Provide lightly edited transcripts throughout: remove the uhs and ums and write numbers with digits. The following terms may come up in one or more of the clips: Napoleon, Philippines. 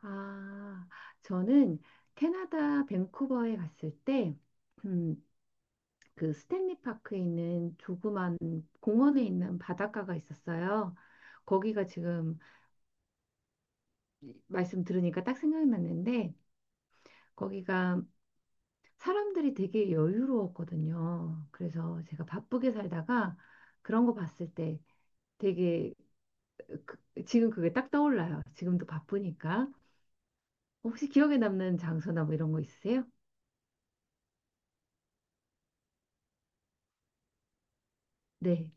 아, 저는 캐나다 밴쿠버에 갔을 때, 음, 그 스탠리 파크에 있는 조그만 공원에 있는 바닷가가 있었어요. 거기가 지금 말씀 들으니까 딱 생각났는데, 거기가 사람들이 되게 여유로웠거든요. 그래서 제가 바쁘게 살다가 그런 거 봤을 때 되게 그- 지금 그게 딱 떠올라요. 지금도 바쁘니까. 혹시 기억에 남는 장소나 뭐 이런 거 있으세요? 네.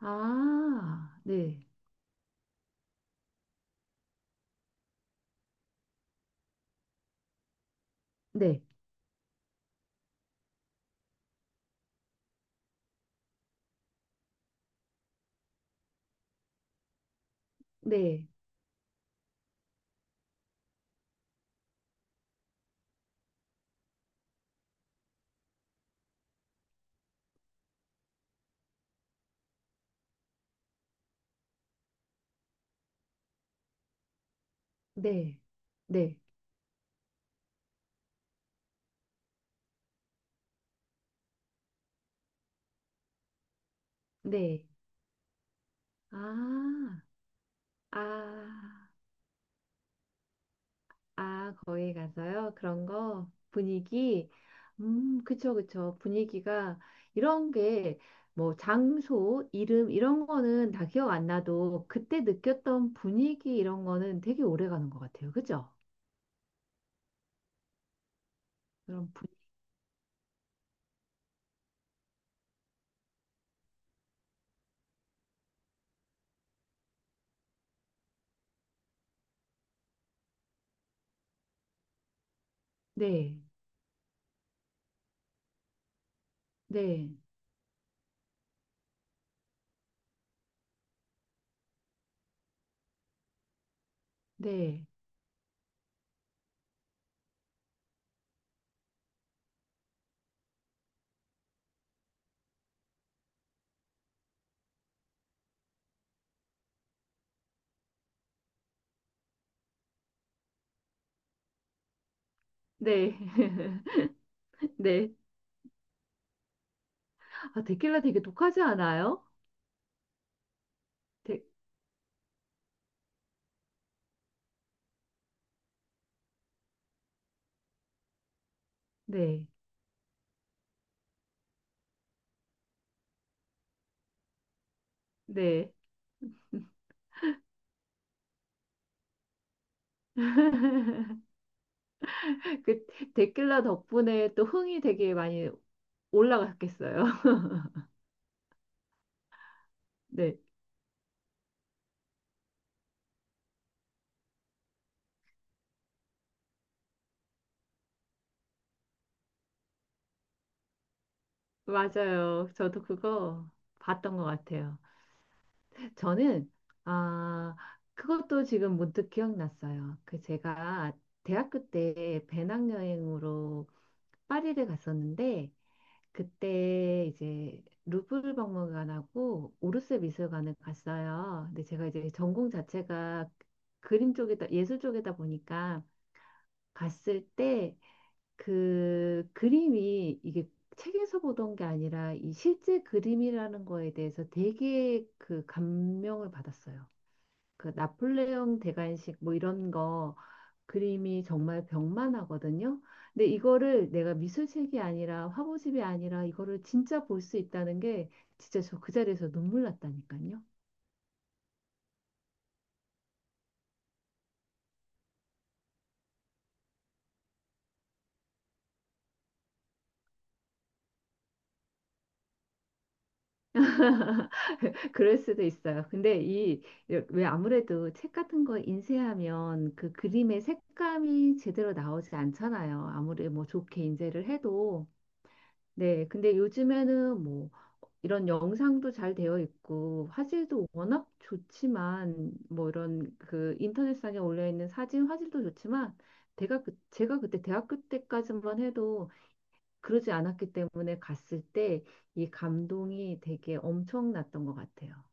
아, 네, 네, 네, 네, 네, 네. 아, 아, 아, 거기 가서요? 그런 거? 분위기? 그쵸, 그쵸. 분위기가 이런 게 뭐 장소, 이름 이런 거는 다 기억 안 나도 그때 느꼈던 분위기 이런 거는 되게 오래 가는 것 같아요. 그죠? 그런 분, 네, 네, 네, 네, 네. 아, 데킬라 되게 독하지 않아요? 데- 네, 네. 그 데킬라 덕분에 또 흥이 되게 많이 올라갔겠어요. 네, 맞아요. 저도 그거 봤던 것 같아요. 저는, 아, 그것도 지금 문득 기억났어요. 그 제가 대학교 때 배낭여행으로 파리를 갔었는데, 그때 이제 루브르 박물관하고 오르세 미술관을 갔어요. 근데 제가 이제 전공 자체가 그림 쪽에다 예술 쪽에다 보니까 갔을 때 그 그림이 이게 책에서 보던 게 아니라 이 실제 그림이라는 거에 대해서 되게 그 감명을 받았어요. 그 나폴레옹 대관식 뭐 이런 거 그림이 정말 벽만 하거든요. 근데 이거를 내가 미술책이 아니라 화보집이 아니라 이거를 진짜 볼 수 있다는 게 진짜 저 그 자리에서 눈물 났다니까요. 그럴 수도 있어요. 근데 이, 왜 아무래도 책 같은 거 인쇄하면 그 그림의 색감이 제대로 나오지 않잖아요. 아무리 뭐 좋게 인쇄를 해도. 네. 근데 요즘에는 뭐 이런 영상도 잘 되어 있고 화질도 워낙 좋지만 뭐 이런 그 인터넷상에 올려 있는 사진 화질도 좋지만 제가 그때 대학교 때까지만 해도 그러지 않았기 때문에 갔을 때 이 감동이 되게 엄청났던 것 같아요.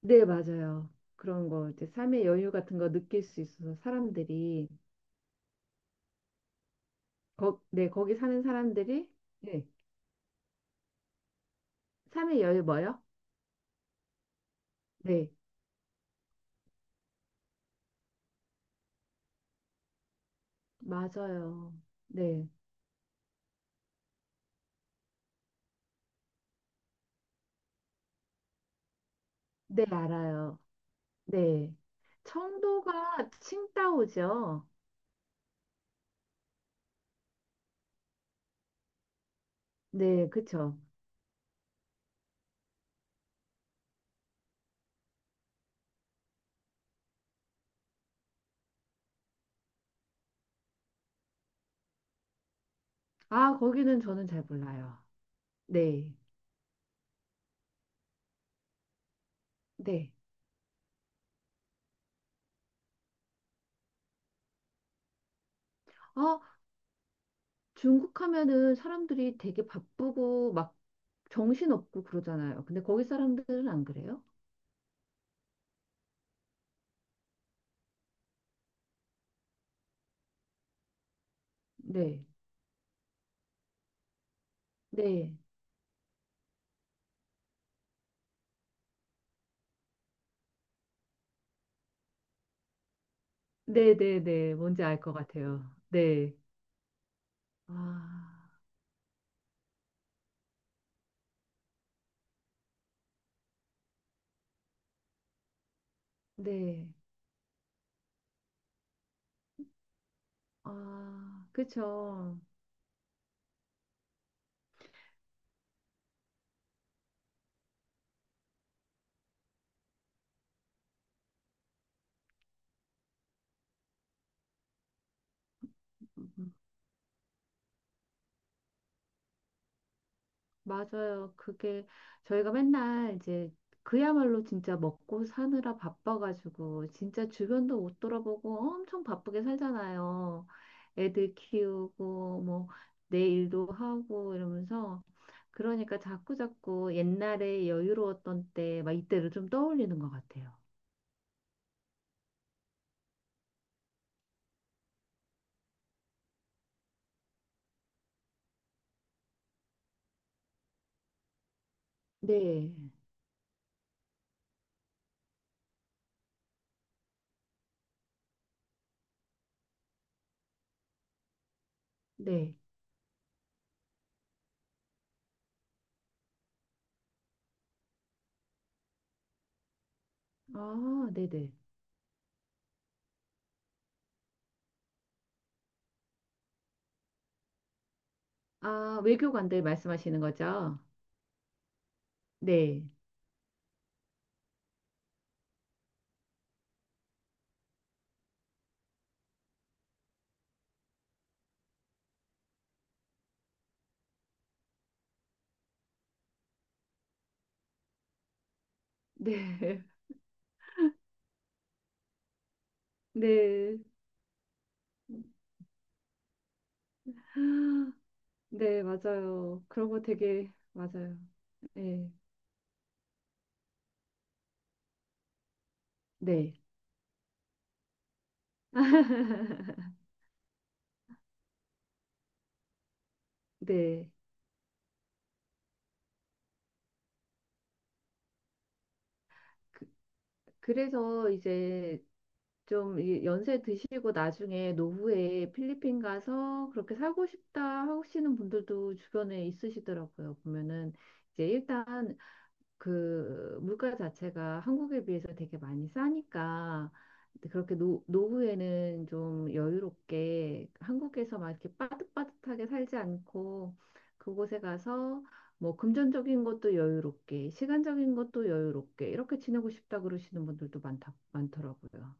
네, 맞아요. 그런 거 이제 삶의 여유 같은 거 느낄 수 있어서 사람들이 거, 네, 거기 사는 사람들이 네. 삶의 여유 뭐요? 네, 맞아요. 네, 네, 알아요. 네. 청도가 칭다오죠. 네, 그쵸. 아, 거기는 저는 잘 몰라요. 네, 네. 아, 중국 하면은 사람들이 되게 바쁘고 막 정신없고 그러잖아요. 근데 거기 사람들은 안 그래요? 네, 네, 네, 네, 네. 뭔지 알 것 같아요. 네. 아, 네. 아, 그쵸. 음, 음. 맞아요. 그게 저희가 맨날 이제 그야말로 진짜 먹고 사느라 바빠가지고 진짜 주변도 못 돌아보고 엄청 바쁘게 살잖아요. 애들 키우고 뭐 내 일도 하고 이러면서 그러니까 자꾸 옛날에 여유로웠던 때 막 이때를 좀 떠올리는 것 같아요. 네. 네. 아, 네네. 아, 외교관들 말씀하시는 거죠? 네. 네. 네. 네, 맞아요. 그런 거 되게 맞아요. 네, 네, 네. 그, 그래서 이제 좀이 연세 드시고 나중에 노후에 필리핀 가서 그렇게 살고 싶다 하시는 분들도 주변에 있으시더라고요. 보면은 이제 일단 그 물가 자체가 한국에 비해서 되게 많이 싸니까 그렇게 노, 노후에는 좀 여유롭게 한국에서 막 이렇게 빠듯빠듯하게 살지 않고 그곳에 가서 뭐 금전적인 것도 여유롭게 시간적인 것도 여유롭게 이렇게 지내고 싶다 그러시는 분들도 많다 많더라고요.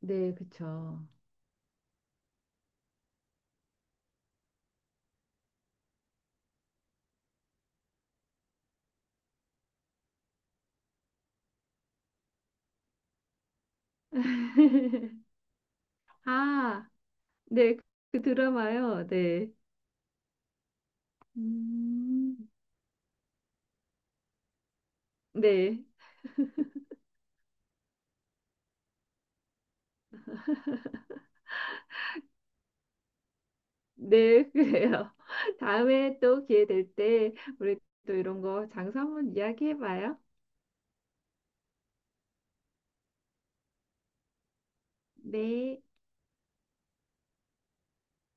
네, 그쵸. 아, 네, 그 드라마요. 네. 음. 네. 네, 그래요. 다음에 또 기회 될 때 우리 또 이런 거 장소 한번 이야기해 봐요. 네.